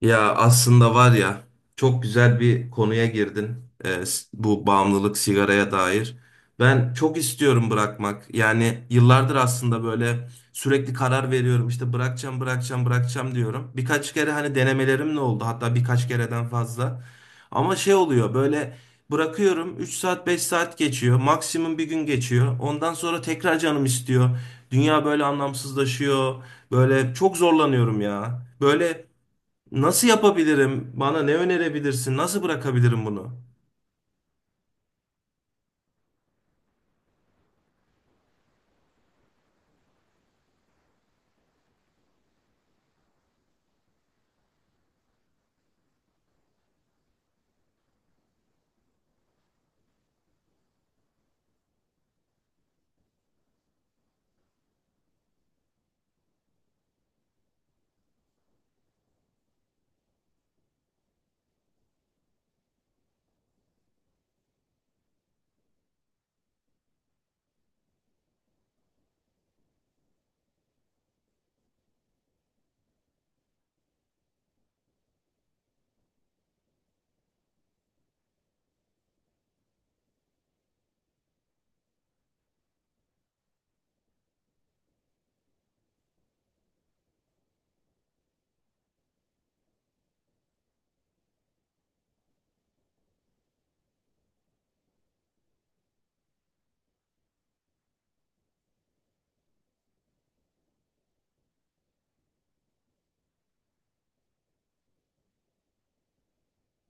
Ya aslında var ya, çok güzel bir konuya girdin. Bu bağımlılık sigaraya dair. Ben çok istiyorum bırakmak. Yani yıllardır aslında böyle sürekli karar veriyorum, İşte bırakacağım, bırakacağım, bırakacağım diyorum. Birkaç kere hani denemelerim ne oldu, hatta birkaç kereden fazla. Ama şey oluyor, böyle bırakıyorum, 3 saat 5 saat geçiyor, maksimum bir gün geçiyor. Ondan sonra tekrar canım istiyor. Dünya böyle anlamsızlaşıyor. Böyle çok zorlanıyorum ya. Nasıl yapabilirim? Bana ne önerebilirsin? Nasıl bırakabilirim bunu?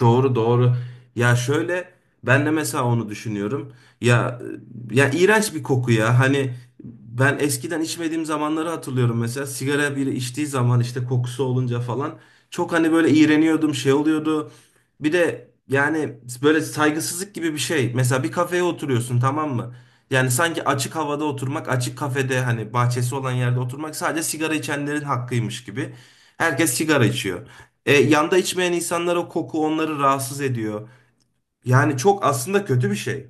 Doğru, doğru. Ya şöyle, ben de mesela onu düşünüyorum. Ya ya, iğrenç bir koku ya. Hani ben eskiden içmediğim zamanları hatırlıyorum, mesela sigara biri içtiği zaman işte kokusu olunca falan çok hani böyle iğreniyordum, şey oluyordu. Bir de yani böyle saygısızlık gibi bir şey. Mesela bir kafeye oturuyorsun, tamam mı? Yani sanki açık havada oturmak, açık kafede hani bahçesi olan yerde oturmak sadece sigara içenlerin hakkıymış gibi. Herkes sigara içiyor. Yanda içmeyen insanlara koku onları rahatsız ediyor. Yani çok aslında kötü bir şey.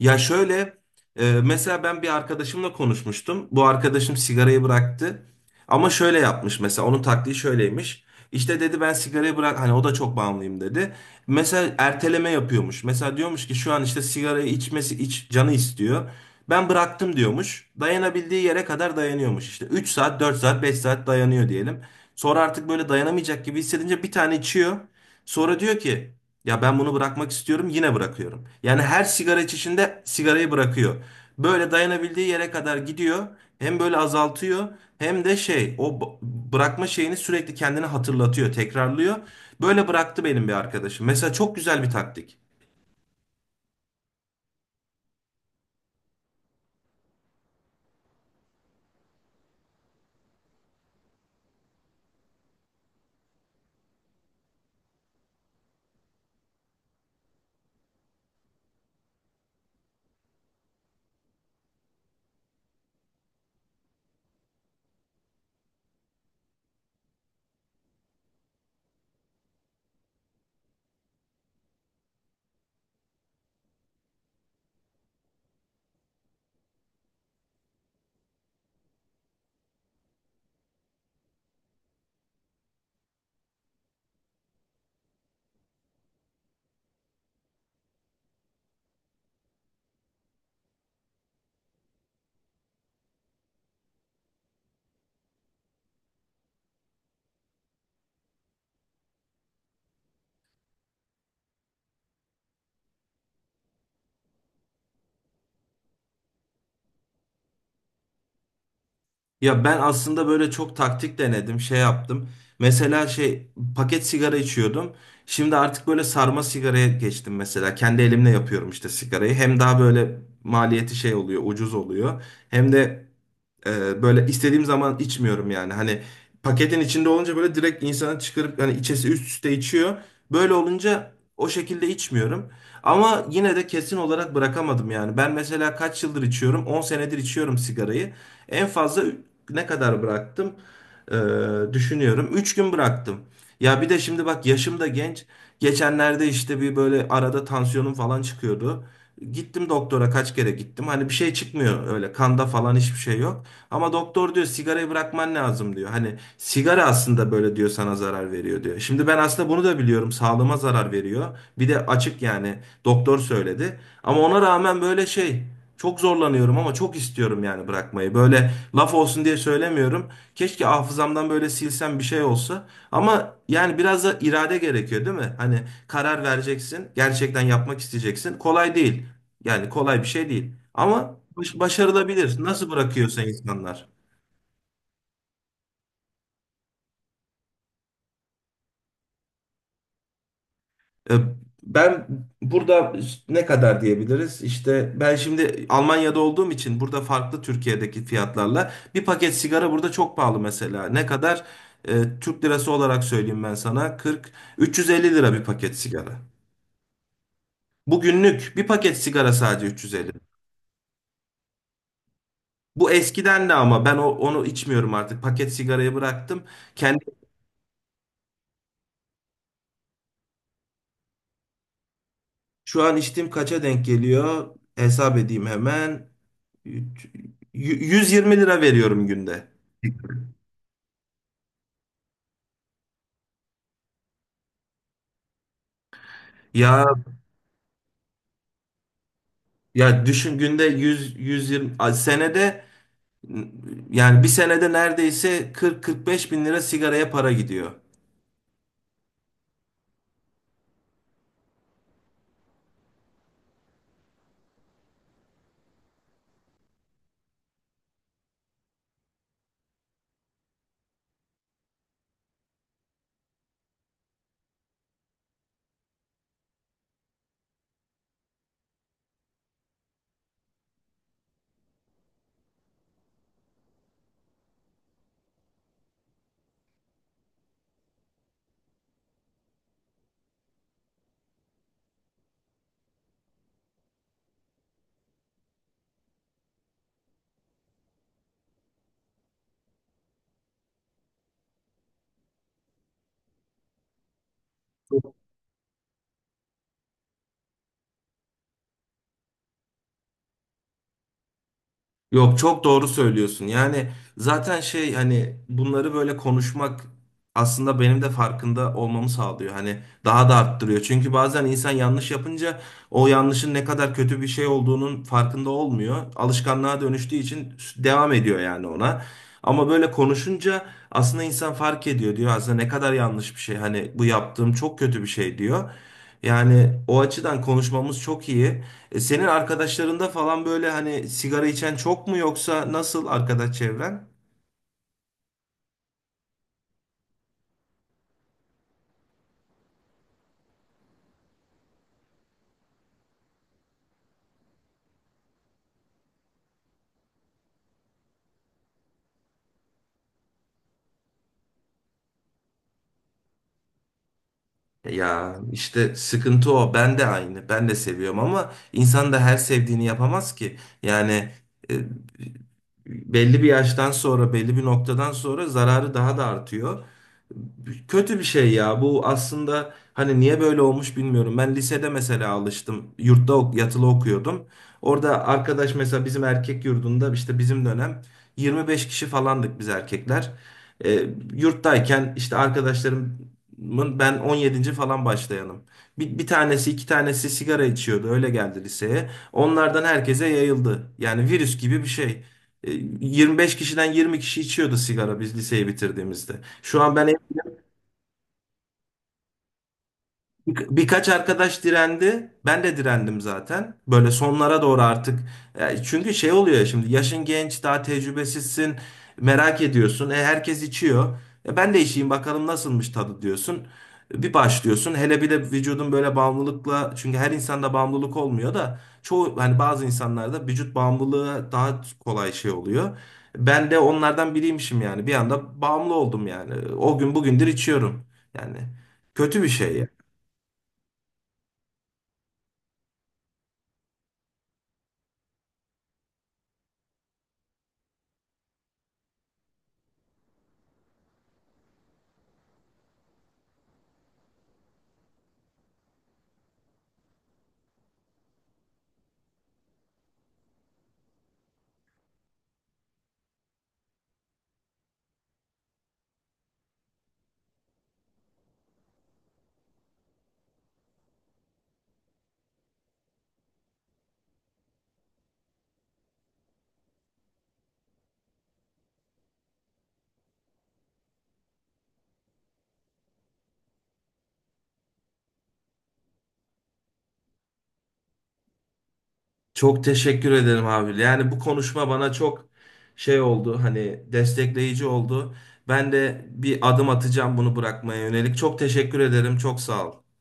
Ya şöyle, mesela ben bir arkadaşımla konuşmuştum. Bu arkadaşım sigarayı bıraktı. Ama şöyle yapmış, mesela onun taktiği şöyleymiş. İşte dedi, ben sigarayı bırak, hani o da çok bağımlıyım dedi. Mesela erteleme yapıyormuş. Mesela diyormuş ki şu an işte sigarayı içmesi canı istiyor. Ben bıraktım diyormuş. Dayanabildiği yere kadar dayanıyormuş. İşte 3 saat, 4 saat, 5 saat dayanıyor diyelim. Sonra artık böyle dayanamayacak gibi hissedince bir tane içiyor. Sonra diyor ki ya ben bunu bırakmak istiyorum, yine bırakıyorum. Yani her sigara içişinde sigarayı bırakıyor. Böyle dayanabildiği yere kadar gidiyor. Hem böyle azaltıyor, hem de bırakma şeyini sürekli kendine hatırlatıyor, tekrarlıyor. Böyle bıraktı benim bir arkadaşım. Mesela çok güzel bir taktik. Ya ben aslında böyle çok taktik denedim, şey yaptım. Mesela paket sigara içiyordum. Şimdi artık böyle sarma sigaraya geçtim mesela. Kendi elimle yapıyorum işte sigarayı. Hem daha böyle maliyeti şey oluyor, ucuz oluyor. Hem de böyle istediğim zaman içmiyorum yani. Hani paketin içinde olunca böyle direkt insanı çıkarıp yani içesi üst üste içiyor. Böyle olunca o şekilde içmiyorum. Ama yine de kesin olarak bırakamadım yani. Ben mesela kaç yıldır içiyorum? 10 senedir içiyorum sigarayı. En fazla ne kadar bıraktım? Ee, Düşünüyorum. 3 gün bıraktım. Ya bir de şimdi bak, yaşım da genç. Geçenlerde işte bir böyle arada tansiyonum falan çıkıyordu. Gittim doktora, kaç kere gittim. Hani bir şey çıkmıyor öyle, kanda falan hiçbir şey yok. Ama doktor diyor sigarayı bırakman lazım diyor. Hani sigara aslında böyle diyor, sana zarar veriyor diyor. Şimdi ben aslında bunu da biliyorum, sağlığıma zarar veriyor. Bir de açık yani, doktor söyledi. Ama ona rağmen böyle şey, çok zorlanıyorum ama çok istiyorum yani bırakmayı. Böyle laf olsun diye söylemiyorum. Keşke hafızamdan böyle silsem, bir şey olsa. Ama yani biraz da irade gerekiyor, değil mi? Hani karar vereceksin, gerçekten yapmak isteyeceksin. Kolay değil. Yani kolay bir şey değil. Ama başarılabilir. Nasıl bırakıyorsa insanlar. E, Ben burada ne kadar diyebiliriz? İşte ben şimdi Almanya'da olduğum için burada farklı, Türkiye'deki fiyatlarla bir paket sigara burada çok pahalı mesela. Ne kadar? Türk lirası olarak söyleyeyim ben sana. 40 350 lira bir paket sigara. Bugünlük bir paket sigara sadece 350. Bu eskiden de ama ben onu içmiyorum artık. Paket sigarayı bıraktım. Şu an içtiğim kaça denk geliyor? Hesap edeyim hemen. Üç- 120 lira veriyorum günde. Ya ya, düşün günde 100 120, ay senede yani bir senede neredeyse 40-45 bin lira sigaraya para gidiyor. Yok, çok doğru söylüyorsun. Yani zaten şey, hani bunları böyle konuşmak aslında benim de farkında olmamı sağlıyor. Hani daha da arttırıyor. Çünkü bazen insan yanlış yapınca o yanlışın ne kadar kötü bir şey olduğunun farkında olmuyor. Alışkanlığa dönüştüğü için devam ediyor yani ona. Ama böyle konuşunca aslında insan fark ediyor, diyor aslında ne kadar yanlış bir şey. Hani bu yaptığım çok kötü bir şey diyor. Yani o açıdan konuşmamız çok iyi. Senin arkadaşlarında falan böyle hani sigara içen çok mu, yoksa nasıl arkadaş çevren? Ya işte sıkıntı o. Ben de aynı. Ben de seviyorum ama insan da her sevdiğini yapamaz ki. Yani e, belli bir yaştan sonra, belli bir noktadan sonra zararı daha da artıyor. Kötü bir şey ya. Bu aslında hani niye böyle olmuş bilmiyorum. Ben lisede mesela alıştım. Yurtta yatılı okuyordum. Orada arkadaş, mesela bizim erkek yurdunda işte bizim dönem 25 kişi falandık biz erkekler. E, Yurttayken işte arkadaşlarım, ben 17. falan başlayanım. Bir tanesi iki tanesi sigara içiyordu. Öyle geldi liseye. Onlardan herkese yayıldı. Yani virüs gibi bir şey. E, 25 kişiden 20 kişi içiyordu sigara biz liseyi bitirdiğimizde. Şu an ben. Birkaç arkadaş direndi. Ben de direndim zaten. Böyle sonlara doğru artık. Çünkü şey oluyor ya, şimdi yaşın genç, daha tecrübesizsin. Merak ediyorsun. Herkes içiyor. Ben de içeyim bakalım nasılmış tadı diyorsun. Bir başlıyorsun. Hele bir de vücudun böyle bağımlılıkla, çünkü her insanda bağımlılık olmuyor da çoğu hani bazı insanlarda vücut bağımlılığı daha kolay şey oluyor. Ben de onlardan biriymişim yani. Bir anda bağımlı oldum yani. O gün bugündür içiyorum. Yani kötü bir şey. Çok teşekkür ederim abi. Yani bu konuşma bana çok şey oldu. Hani destekleyici oldu. Ben de bir adım atacağım bunu bırakmaya yönelik. Çok teşekkür ederim. Çok sağ ol.